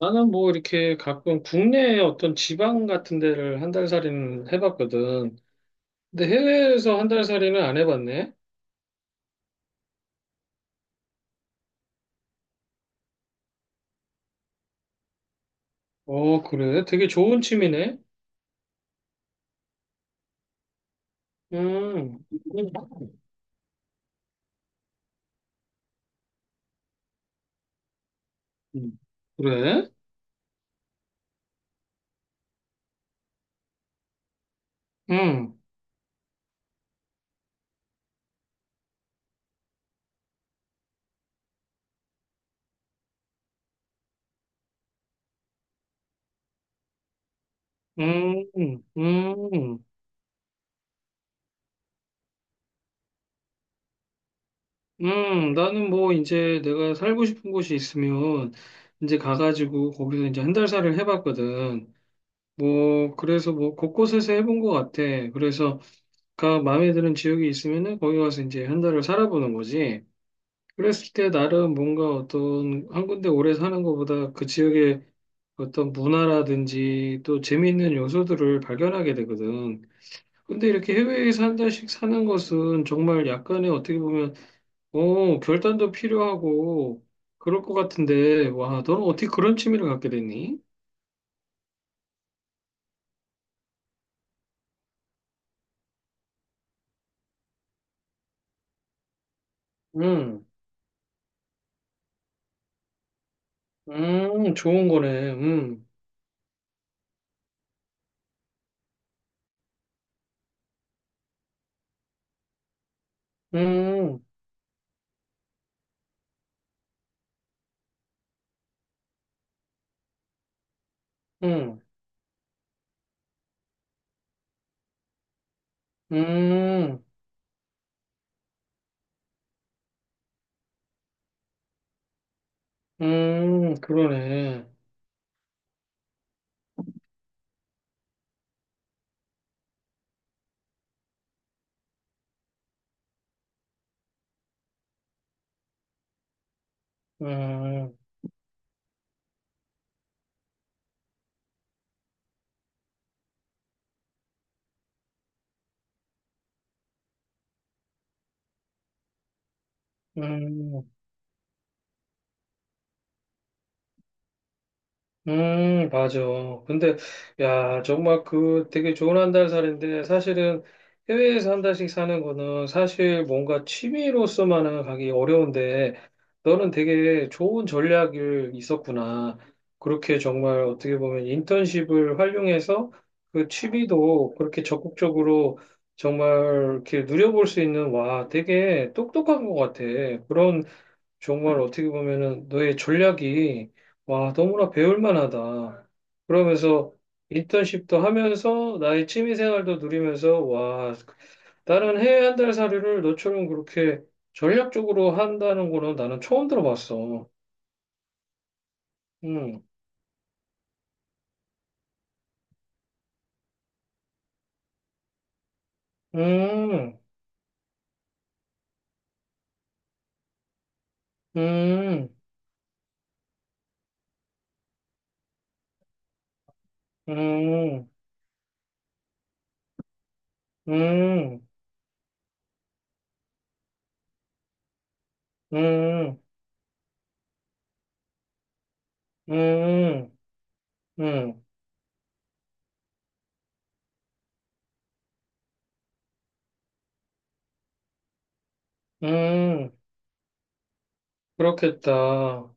나는 뭐 이렇게 가끔 국내 어떤 지방 같은 데를 한 달 살이는 해봤거든. 근데 해외에서 한 달 살이는 안 해봤네. 어, 그래? 되게 좋은 취미네. 음, 음. 그래? 음, 음, 음, 나는 뭐 이제 내가 살고 싶은 곳이 있으면 이제 가가지고 거기서 이제 한 달 살을 해봤거든. 뭐 그래서 뭐 곳곳에서 해본 것 같아. 그래서 가 마음에 드는 지역이 있으면은 거기 가서 이제 한 달을 살아보는 거지. 그랬을 때 나름 뭔가 어떤 한 군데 오래 사는 것보다 그 지역의 어떤 문화라든지 또 재미있는 요소들을 발견하게 되거든. 근데 이렇게 해외에서 한 달씩 사는 것은 정말 약간의 어떻게 보면, 어, 결단도 필요하고 그럴 것 같은데, 와, 너는 어떻게 그런 취미를 갖게 됐니? 음, 좋은 거네. 음, 음, 음. 그러네. 음, 음, 맞아. 근데, 야, 정말 그 되게 좋은 한 달 살인데, 사실은 해외에서 한 달씩 사는 거는 사실 뭔가 취미로서만은 가기 어려운데, 너는 되게 좋은 전략이 있었구나. 그렇게 정말 어떻게 보면 인턴십을 활용해서 그 취미도 그렇게 적극적으로 정말 이렇게 누려볼 수 있는, 와, 되게 똑똑한 것 같아. 그런 정말 어떻게 보면은 너의 전략이 와, 너무나 배울 만하다. 그러면서 인턴십도 하면서 나의 취미 생활도 누리면서 와, 나는 해외 한 달 사료를 너처럼 그렇게 전략적으로 한다는 거는 나는 처음 들어봤어. 음, 음, 음, 음, 음, 음, 음, 음, 음, 그렇겠다.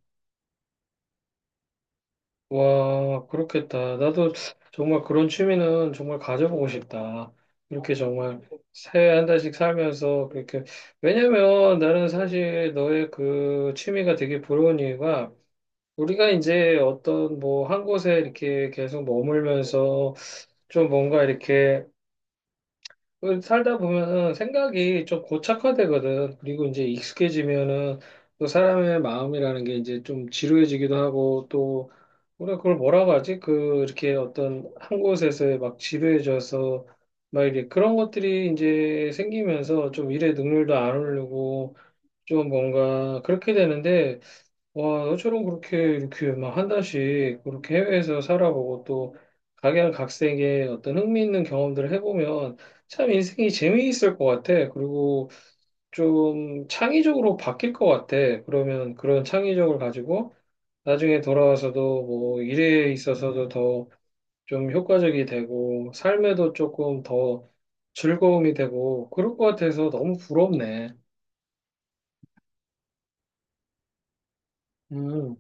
와, 그렇겠다. 나도 정말 그런 취미는 정말 가져보고 싶다. 이렇게 정말 새해 한 달씩 살면서 그렇게. 왜냐면 나는 사실 너의 그 취미가 되게 부러운 이유가 우리가 이제 어떤 뭐 한 곳에 이렇게 계속 머물면서 좀 뭔가 이렇게 그 살다 보면은 생각이 좀 고착화되거든. 그리고 이제 익숙해지면은 또 사람의 마음이라는 게 이제 좀 지루해지기도 하고 또 우리가 그걸 뭐라고 하지? 그 이렇게 어떤 한 곳에서 막 지루해져서 막 이렇게 그런 것들이 이제 생기면서 좀 일의 능률도 안 오르고 좀 뭔가 그렇게 되는데 와, 너처럼 그렇게 이렇게 막 한 달씩 그렇게 해외에서 살아보고 또 각양각색의 어떤 흥미있는 경험들을 해보면 참 인생이 재미있을 것 같아. 그리고 좀 창의적으로 바뀔 것 같아. 그러면 그런 창의적을 가지고 나중에 돌아와서도 뭐 일에 있어서도 더 좀 효과적이 되고 삶에도 조금 더 즐거움이 되고 그럴 것 같아서 너무 부럽네. 음,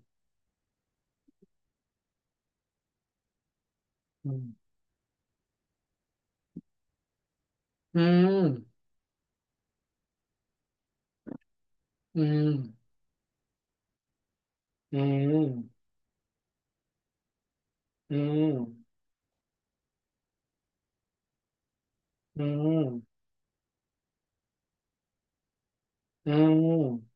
음, 음, 음, 음. 음, 음, 음, 음,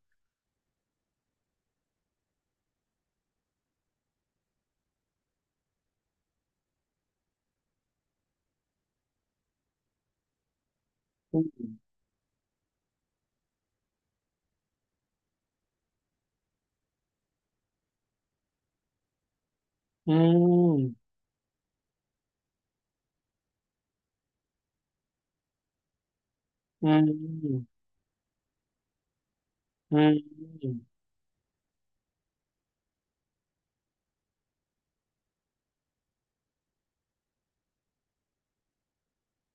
음, 음, 음,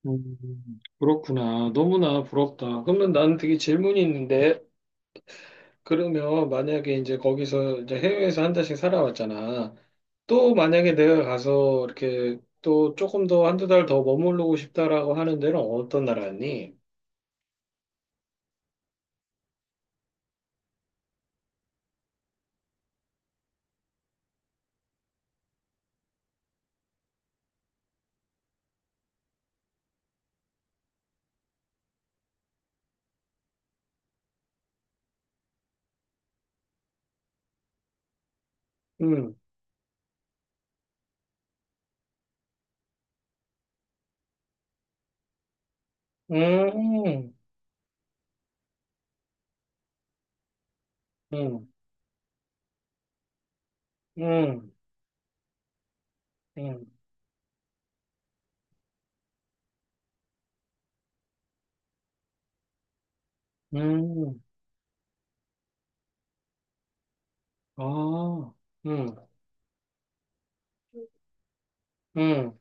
그렇구나. 너무나 부럽다. 그러면 나는 되게 질문이 있는데, 그러면 만약에 이제 거기서 이제 해외에서 한 달씩 살아왔잖아. 또 만약에 내가 가서 이렇게 또 조금 더 한두 달 더 머무르고 싶다라고 하는 데는 어떤 나라니? 음, 음, 음, 음, 음, 음, 아, 음, 음.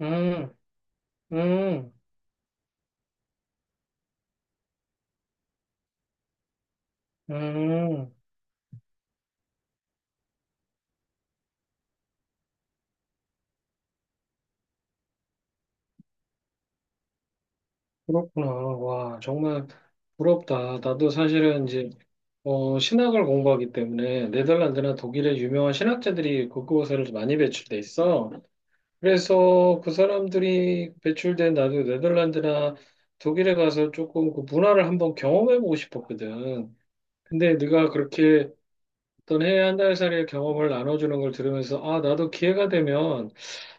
음, 음, 음, 그렇구나. 와, 정말 부럽다. 나도 사실은 이제, 어, 신학을 공부하기 때문에 네덜란드나 독일의 유명한 신학자들이 그곳에 많이 배출돼 있어. 그래서 그 사람들이 배출된 나도 네덜란드나 독일에 가서 조금 그 문화를 한번 경험해보고 싶었거든. 근데 네가 그렇게 어떤 해외 한 달 살이의 경험을 나눠주는 걸 들으면서, 아, 나도 기회가 되면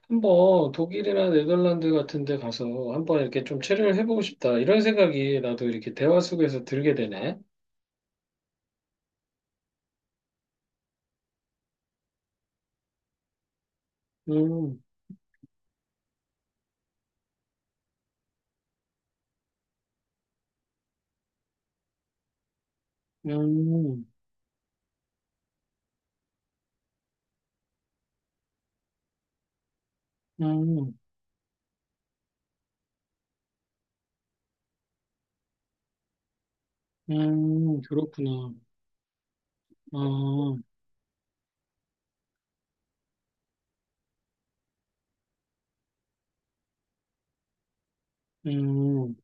한번 독일이나 네덜란드 같은 데 가서 한번 이렇게 좀 체류를 해보고 싶다. 이런 생각이 나도 이렇게 대화 속에서 들게 되네. 음, 음, 음, 그렇구나. 어, 음,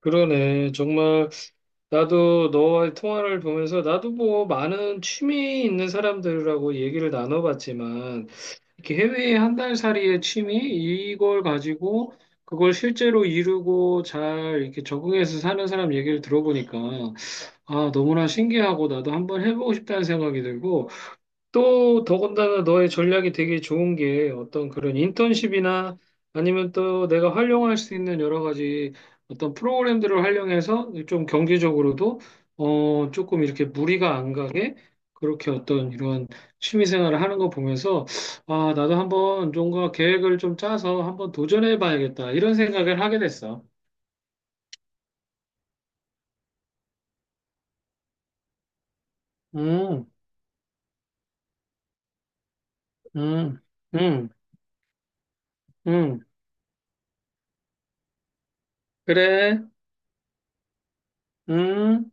그러네. 정말 나도 너와의 통화를 보면서 나도 뭐 많은 취미 있는 사람들하고 얘기를 나눠봤지만 이렇게 해외의 한 달 살이의 취미 이걸 가지고 그걸 실제로 이루고 잘 이렇게 적응해서 사는 사람 얘기를 들어보니까 아, 너무나 신기하고 나도 한번 해보고 싶다는 생각이 들고 또 더군다나 너의 전략이 되게 좋은 게 어떤 그런 인턴십이나 아니면 또 내가 활용할 수 있는 여러 가지 어떤 프로그램들을 활용해서 좀 경제적으로도 어 조금 이렇게 무리가 안 가게 그렇게 어떤 이런 취미 생활을 하는 거 보면서 아, 나도 한번 뭔가 계획을 좀 짜서 한번 도전해 봐야겠다, 이런 생각을 하게 됐어. 음, 음, 음, 음. 그래. 음.